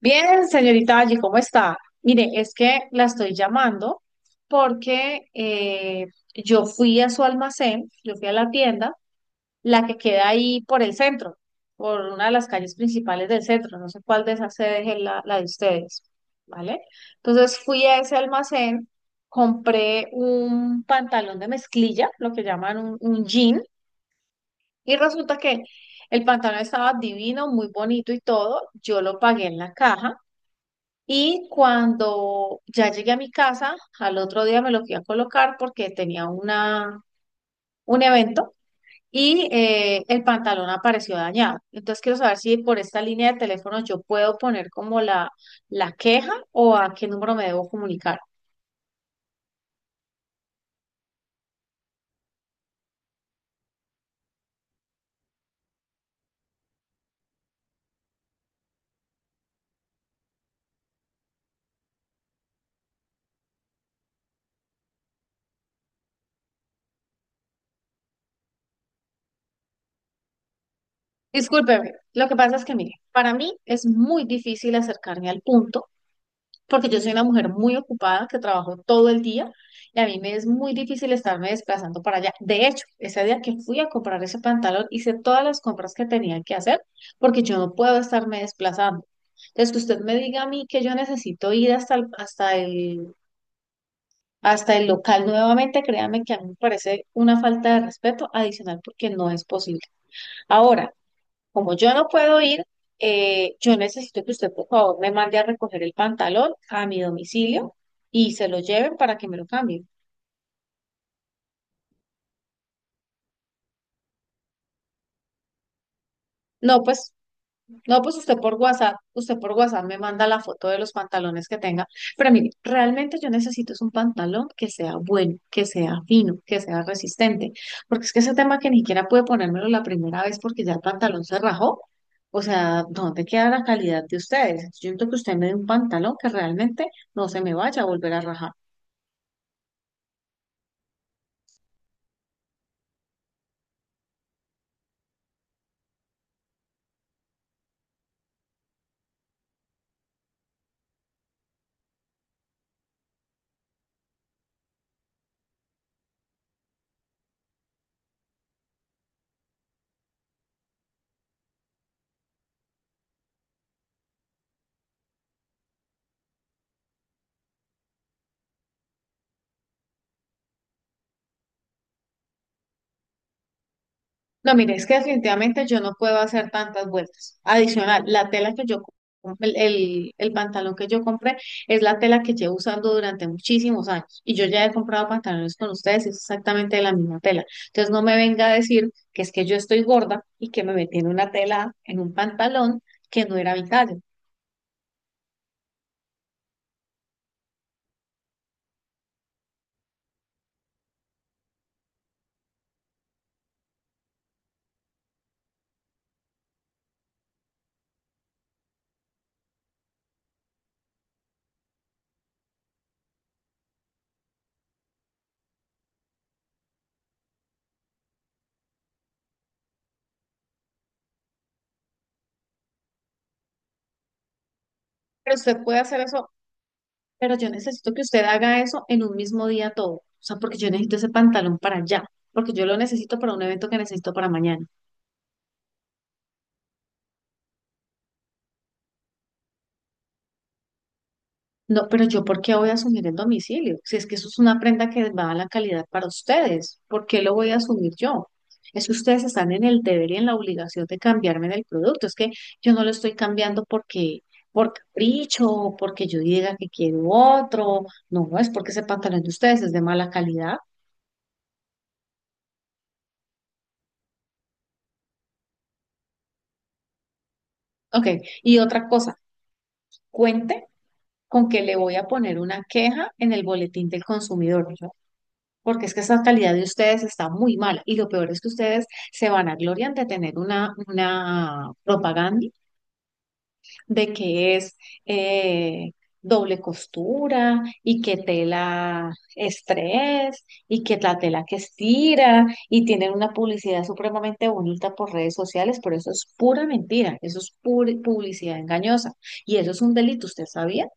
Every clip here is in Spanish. Bien, señorita Allí, ¿cómo está? Mire, es que la estoy llamando porque yo fui a su almacén, yo fui a la tienda, la que queda ahí por el centro, por una de las calles principales del centro, no sé cuál de esas sedes es la de ustedes, ¿vale? Entonces fui a ese almacén, compré un pantalón de mezclilla, lo que llaman un jean, y resulta que el pantalón estaba divino, muy bonito y todo, yo lo pagué en la caja. Y cuando ya llegué a mi casa, al otro día me lo fui a colocar porque tenía una, un evento y el pantalón apareció dañado. Entonces quiero saber si por esta línea de teléfono yo puedo poner como la queja o a qué número me debo comunicar. Discúlpeme, lo que pasa es que, mire, para mí es muy difícil acercarme al punto porque yo soy una mujer muy ocupada que trabajo todo el día y a mí me es muy difícil estarme desplazando para allá. De hecho, ese día que fui a comprar ese pantalón, hice todas las compras que tenía que hacer porque yo no puedo estarme desplazando. Entonces, que usted me diga a mí que yo necesito ir hasta el local nuevamente, créame que a mí me parece una falta de respeto adicional porque no es posible. Ahora, como yo no puedo ir, yo necesito que usted, por favor, me mande a recoger el pantalón a mi domicilio y se lo lleven para que me lo cambien. No, pues. No, pues usted por WhatsApp me manda la foto de los pantalones que tenga. Pero mire, realmente yo necesito es un pantalón que sea bueno, que sea fino, que sea resistente. Porque es que ese tema que ni siquiera pude ponérmelo la primera vez porque ya el pantalón se rajó. O sea, ¿dónde queda la calidad de ustedes? Yo siento que usted me dé un pantalón que realmente no se me vaya a volver a rajar. No, mire, es que definitivamente yo no puedo hacer tantas vueltas. Adicional, la tela que yo, el pantalón que yo compré es la tela que llevo usando durante muchísimos años. Y yo ya he comprado pantalones con ustedes, y es exactamente de la misma tela. Entonces no me venga a decir que es que yo estoy gorda y que me metí en una tela, en un pantalón que no era mi talla. Pero usted puede hacer eso, pero yo necesito que usted haga eso en un mismo día todo. O sea, porque yo necesito ese pantalón para allá, porque yo lo necesito para un evento que necesito para mañana. No, pero yo, ¿por qué voy a asumir el domicilio? Si es que eso es una prenda que va a la calidad para ustedes, ¿por qué lo voy a asumir yo? Es que ustedes están en el deber y en la obligación de cambiarme del producto. Es que yo no lo estoy cambiando porque, por capricho, o porque yo diga que quiero otro. No, no es porque ese pantalón de ustedes es de mala calidad. Ok, y otra cosa, cuente con que le voy a poner una queja en el boletín del consumidor, porque es que esta calidad de ustedes está muy mala y lo peor es que ustedes se vanaglorian de tener una propaganda de que es eh, doble costura y que tela estrés y que la tela que estira y tienen una publicidad supremamente bonita por redes sociales, pero eso es pura mentira, eso es pura publicidad engañosa y eso es un delito, ¿usted sabía?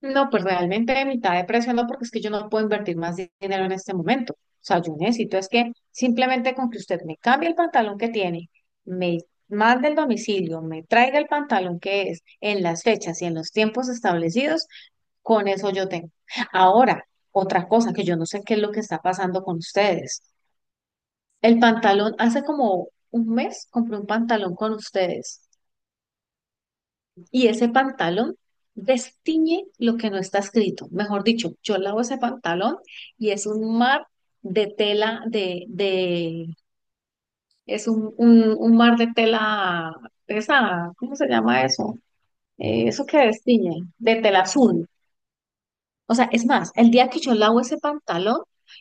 No, pues realmente de mitad de precio no, porque es que yo no puedo invertir más dinero en este momento. O sea, yo necesito es que simplemente con que usted me cambie el pantalón que tiene, me mande el domicilio, me traiga el pantalón que es en las fechas y en los tiempos establecidos, con eso yo tengo. Ahora, otra cosa que yo no sé qué es lo que está pasando con ustedes. El pantalón, hace como un mes compré un pantalón con ustedes y ese pantalón destiñe lo que no está escrito. Mejor dicho, yo lavo ese pantalón y es un mar de tela, es un mar de tela, esa, ¿cómo se llama eso? Eso que destiñe, de tela azul. O sea, es más, el día que yo lavo ese pantalón,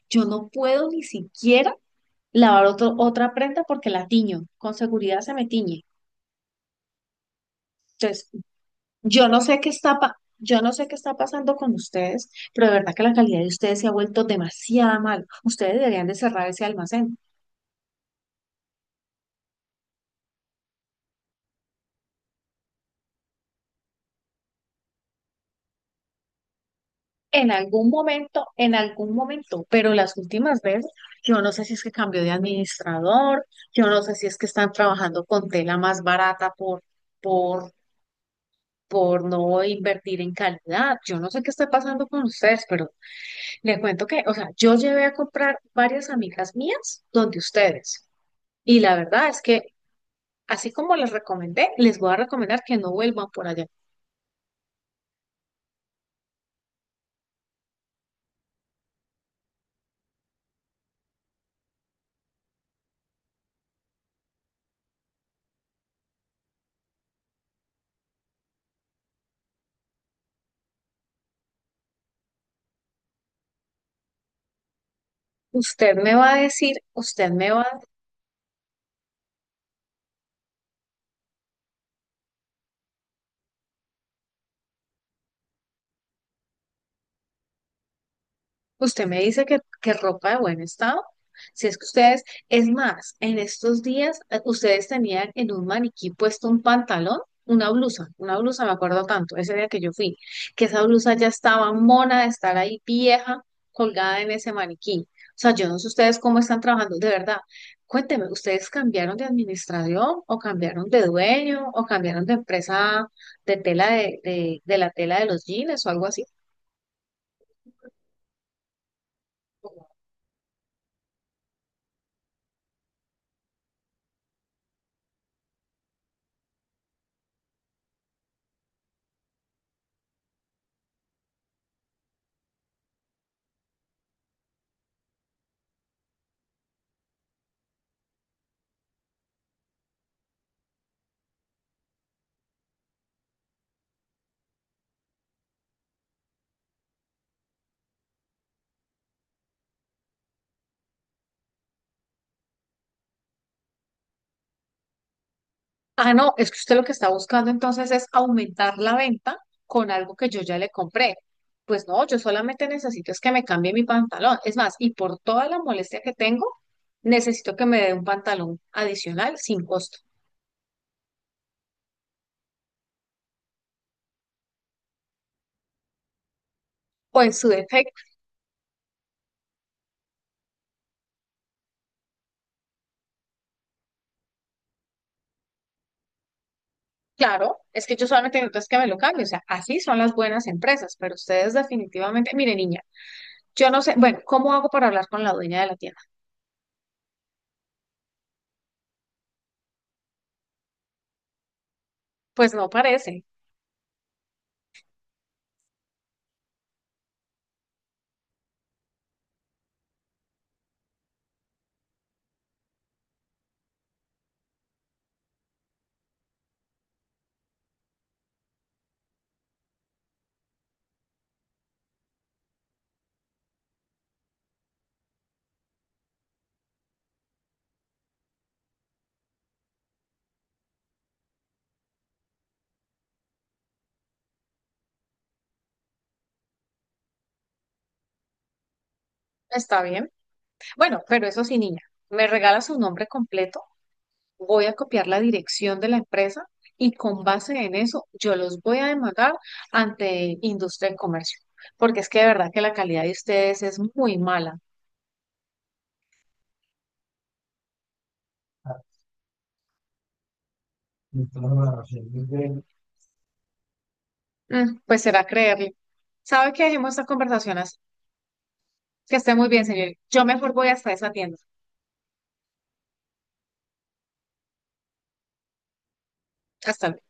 yo no puedo ni siquiera lavar otro, otra prenda porque la tiño, con seguridad se me tiñe. Entonces, yo no sé qué está yo no sé qué está pasando con ustedes, pero de verdad que la calidad de ustedes se ha vuelto demasiado mal. Ustedes deberían de cerrar ese almacén. En algún momento, pero las últimas veces, yo no sé si es que cambió de administrador, yo no sé si es que están trabajando con tela más barata por, por no invertir en calidad. Yo no sé qué está pasando con ustedes, pero les cuento que, o sea, yo llevé a comprar varias amigas mías donde ustedes. Y la verdad es que, así como les recomendé, les voy a recomendar que no vuelvan por allá. Usted me va a decir, usted me va. Usted me dice que ropa de buen estado. Si es que ustedes, es más, en estos días ustedes tenían en un maniquí puesto un pantalón, una blusa, me acuerdo tanto, ese día que yo fui, que esa blusa ya estaba mona de estar ahí vieja, colgada en ese maniquí. O sea, yo no sé ustedes cómo están trabajando, de verdad. Cuénteme, ¿ustedes cambiaron de administración o cambiaron de dueño o cambiaron de empresa de tela de la tela de los jeans o algo así? Ah, no, es que usted lo que está buscando entonces es aumentar la venta con algo que yo ya le compré. Pues no, yo solamente necesito es que me cambie mi pantalón. Es más, y por toda la molestia que tengo, necesito que me dé un pantalón adicional sin costo. O en su defecto, claro, es que yo solamente necesito es que me lo cambie. O sea, así son las buenas empresas, pero ustedes definitivamente, mire niña, yo no sé, bueno, ¿cómo hago para hablar con la dueña de la tienda? Pues no parece. Está bien. Bueno, pero eso sí, niña, ¿me regala su nombre completo? Voy a copiar la dirección de la empresa y con base en eso yo los voy a demandar ante industria y comercio, porque es que de verdad que la calidad de ustedes es muy mala. Mm, pues será creerle. ¿Sabe qué? Dejemos estas conversaciones. Que esté muy bien, señor. Yo mejor voy hasta esa tienda. Hasta luego.